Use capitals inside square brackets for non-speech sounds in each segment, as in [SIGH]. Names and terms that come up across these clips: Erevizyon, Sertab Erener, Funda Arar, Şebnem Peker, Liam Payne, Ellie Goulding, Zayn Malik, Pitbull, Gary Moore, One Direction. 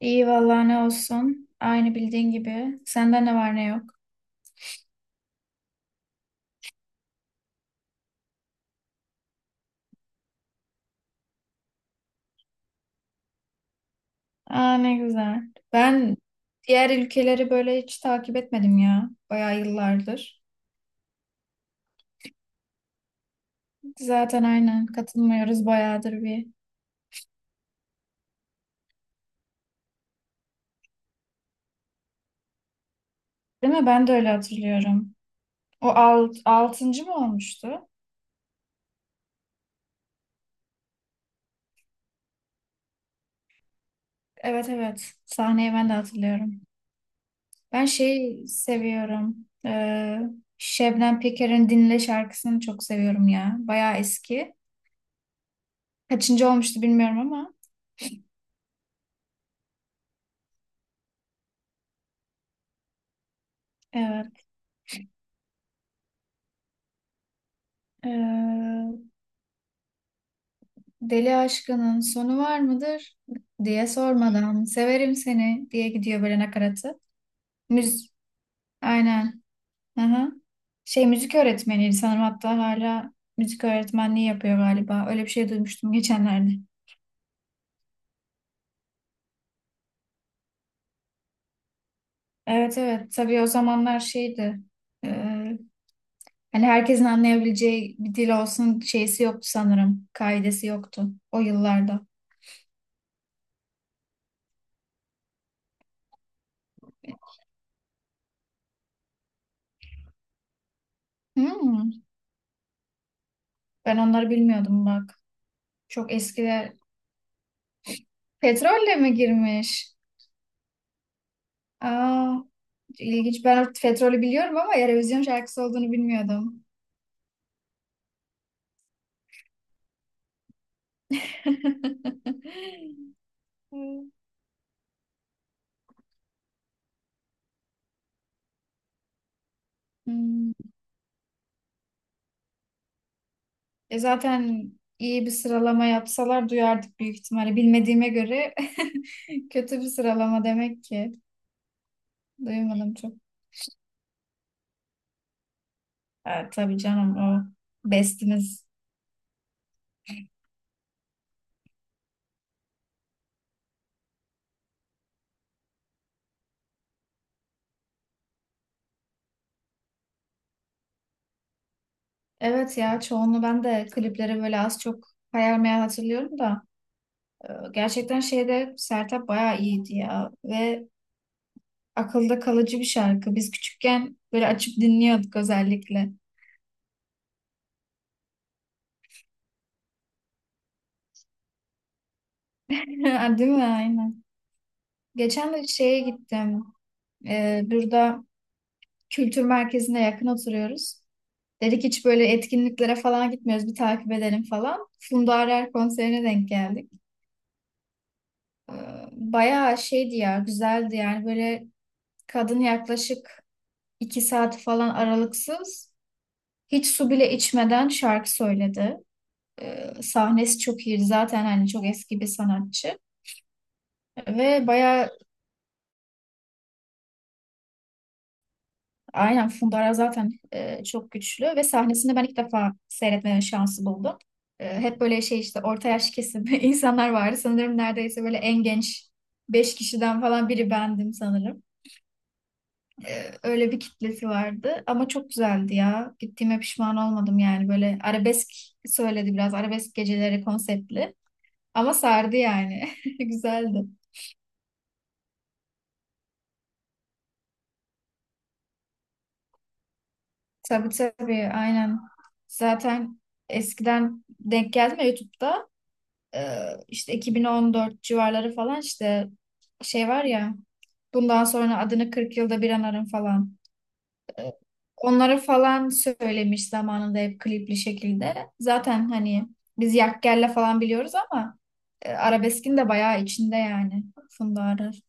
İyi vallahi ne olsun. Aynı bildiğin gibi. Sende ne var ne yok. Aa ne güzel. Ben diğer ülkeleri böyle hiç takip etmedim ya. Bayağı yıllardır. Zaten aynen katılmıyoruz bayağıdır bir. Değil mi? Ben de öyle hatırlıyorum. O altıncı mı olmuştu? Evet evet. Sahneyi ben de hatırlıyorum. Ben şeyi seviyorum. Ee, Şebnem Peker'in Dinle şarkısını çok seviyorum ya. Bayağı eski. Kaçıncı olmuştu bilmiyorum ama. Evet. Ee, Deli aşkının sonu var mıdır diye sormadan severim seni diye gidiyor böyle nakaratı. Müz aynen. Hı hı. Şey müzik öğretmeniydi sanırım, hatta hala müzik öğretmenliği yapıyor galiba. Öyle bir şey duymuştum geçenlerde. Evet evet, tabii o zamanlar şeydi. Ee, Hani herkesin anlayabileceği bir dil olsun şeysi yoktu sanırım. Kaidesi yoktu o yıllarda. Hmm, Ben onları bilmiyordum bak. Çok eskiler. Petrolle mi girmiş? Aa, ilginç. Ben Petrol'ü biliyorum ama Eurovision şarkısı olduğunu bilmiyordum. [LAUGHS] Hmm. Zaten iyi bir sıralama yapsalar duyardık büyük ihtimalle. Bilmediğime göre [LAUGHS] kötü bir sıralama demek ki. Duymadım çok. Ha, tabii canım, o bestimiz. Evet ya, çoğunu ben de klipleri böyle az çok hayal meyal hatırlıyorum da gerçekten şeyde Sertab bayağı iyiydi ya, ve akılda kalıcı bir şarkı. Biz küçükken böyle açıp dinliyorduk özellikle. [LAUGHS] Ha, değil mi? Aynen. Geçen de şeye gittim. Burada kültür merkezine yakın oturuyoruz. Dedik hiç böyle etkinliklere falan gitmiyoruz. Bir takip edelim falan. Funda Arar konserine denk geldik. Ee, Bayağı şeydi ya, güzeldi yani. Böyle kadın yaklaşık 2 saat falan aralıksız, hiç su bile içmeden şarkı söyledi. Sahnesi çok iyiydi zaten, hani çok eski bir sanatçı. Ve bayağı aynen fundara zaten çok güçlü, ve sahnesinde ben ilk defa seyretme şansı buldum. Hep böyle şey işte orta yaş kesim [LAUGHS] insanlar vardı. Sanırım neredeyse böyle en genç 5 kişiden falan biri bendim sanırım. Öyle bir kitlesi vardı ama çok güzeldi ya. Gittiğime pişman olmadım yani. Böyle arabesk söyledi, biraz arabesk geceleri konseptli, ama sardı yani. [LAUGHS] Güzeldi. Tabii tabii, aynen. Zaten eskiden denk geldim ya YouTube'da. e, işte 2014 civarları falan, işte şey var ya, bundan sonra adını 40 yılda bir anarım falan. E, Onları falan söylemiş zamanında, hep klipli şekilde. Zaten hani biz Yakgel'le falan biliyoruz ama Arabesk'in de bayağı içinde yani Funda Arar.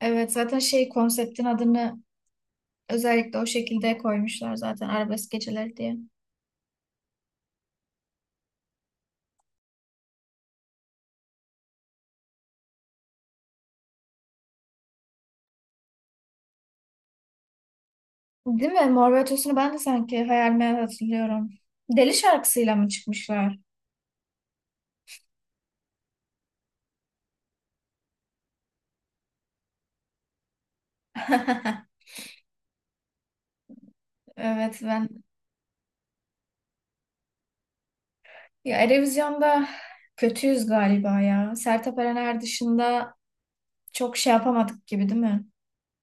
Evet, zaten şey konseptin adını özellikle o şekilde koymuşlar zaten, Arabesk Geceleri diye. Değil mi? Mor ve Ötesi'ni ben de sanki hayal meyal hatırlıyorum. Deli şarkısıyla mı çıkmışlar? [LAUGHS] Evet, ben ya Erevizyon'da kötüyüz galiba ya. Sertab Erener dışında çok şey yapamadık gibi, değil mi?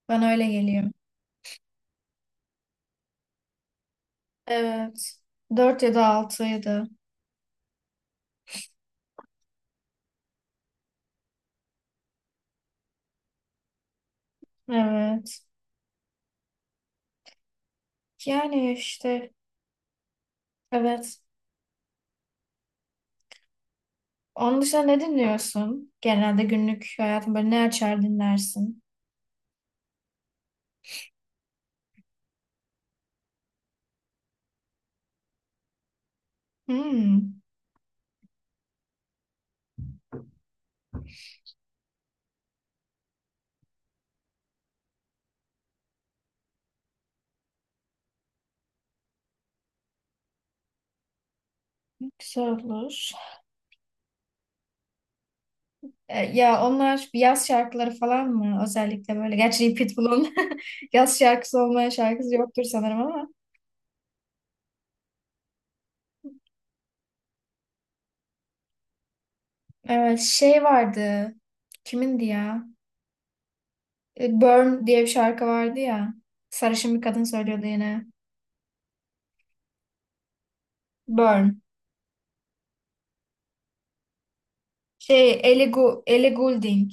Bana öyle geliyor. Evet. 4 ya da 6'ydı. Evet. Yani işte evet. Onun dışında ne dinliyorsun? Genelde günlük hayatın böyle ne açar dinlersin? Hmm, güzel olur. Ya onlar yaz şarkıları falan mı özellikle böyle? Gerçi Pitbull'un [LAUGHS] yaz şarkısı olmayan şarkısı yoktur sanırım ama. Evet, şey vardı. Kimindi ya? Burn diye bir şarkı vardı ya. Sarışın bir kadın söylüyordu yine. Burn. Şey Ellie, Ellie Goulding.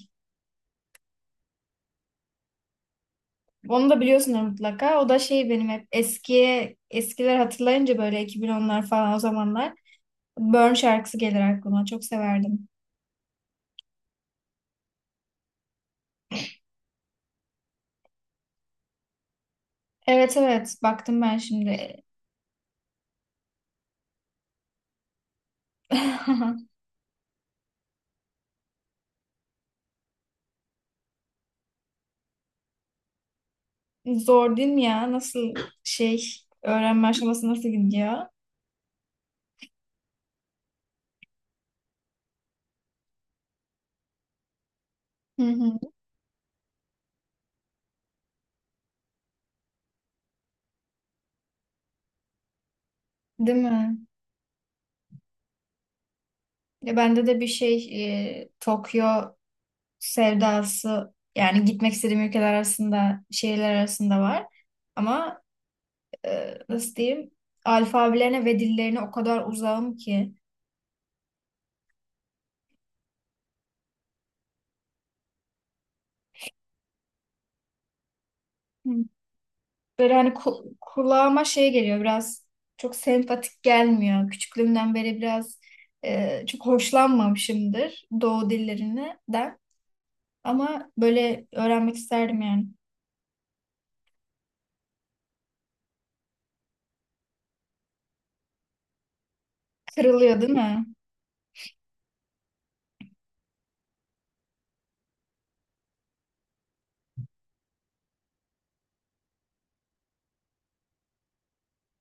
Onu da biliyorsunuz mutlaka. O da şey, benim hep eskiye eskiler hatırlayınca böyle 2010'lar falan o zamanlar. Burn şarkısı gelir aklıma. Çok severdim. Evet evet, baktım ben şimdi. [LAUGHS] Zor değil mi ya? Nasıl şey, öğrenme aşaması nasıl gidiyor? Hı hı. Değil mi? Ya bende de bir şey, Tokyo sevdası yani, gitmek istediğim ülkeler arasında, şehirler arasında var. Ama nasıl diyeyim, alfabelerine ve dillerine o kadar uzağım ki. Hı. Böyle hani kulağıma şey geliyor biraz, çok sempatik gelmiyor. Küçüklüğümden beri biraz çok hoşlanmamışımdır doğu dillerinden, ama böyle öğrenmek isterdim yani. Kırılıyor değil mi?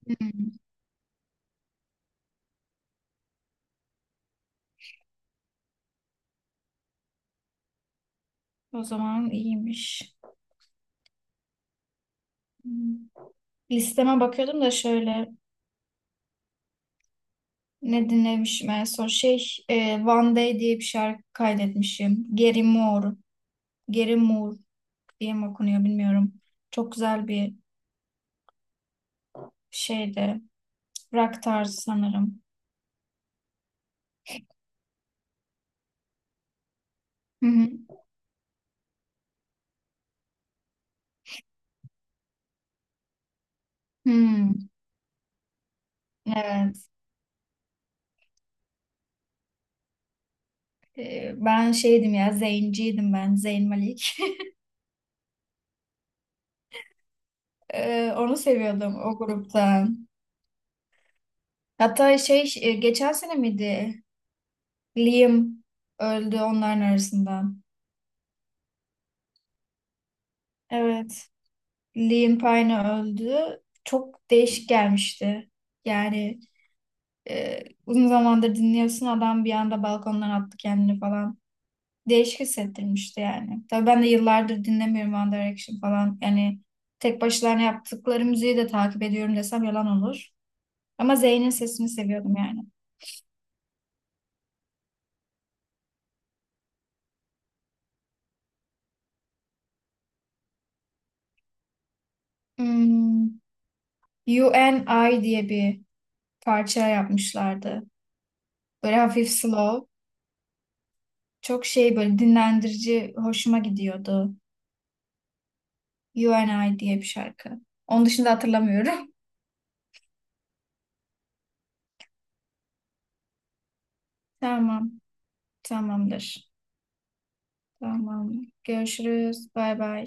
Hmm. O zaman iyiymiş. Hı. Listeme bakıyordum da şöyle ne dinlemişim en son. Şey, One Day diye bir şarkı kaydetmişim. Gary Moore, Gary Moore diye mi okunuyor bilmiyorum. Çok güzel bir şeydi. Rock tarzı sanırım. Hı hı. Hmm, evet. Ben şeydim ya, Zayn'ciydim ben, Zayn Malik. [LAUGHS] E, onu seviyordum o gruptan. Hatta şey, geçen sene miydi? Liam öldü onların arasından. Evet. Liam Payne öldü. Çok değişik gelmişti. Yani uzun zamandır dinliyorsun, adam bir anda balkondan attı kendini falan. Değişik hissettirmişti yani. Tabii ben de yıllardır dinlemiyorum One Direction falan. Yani tek başlarına yaptıkları müziği de takip ediyorum desem yalan olur. Ama Zayn'in sesini seviyordum yani. Hmm, You and I diye bir parça yapmışlardı. Böyle hafif slow. Çok şey, böyle dinlendirici, hoşuma gidiyordu. You and I diye bir şarkı. Onun dışında hatırlamıyorum. [LAUGHS] Tamam. Tamamdır. Tamam. Görüşürüz. Bay bay.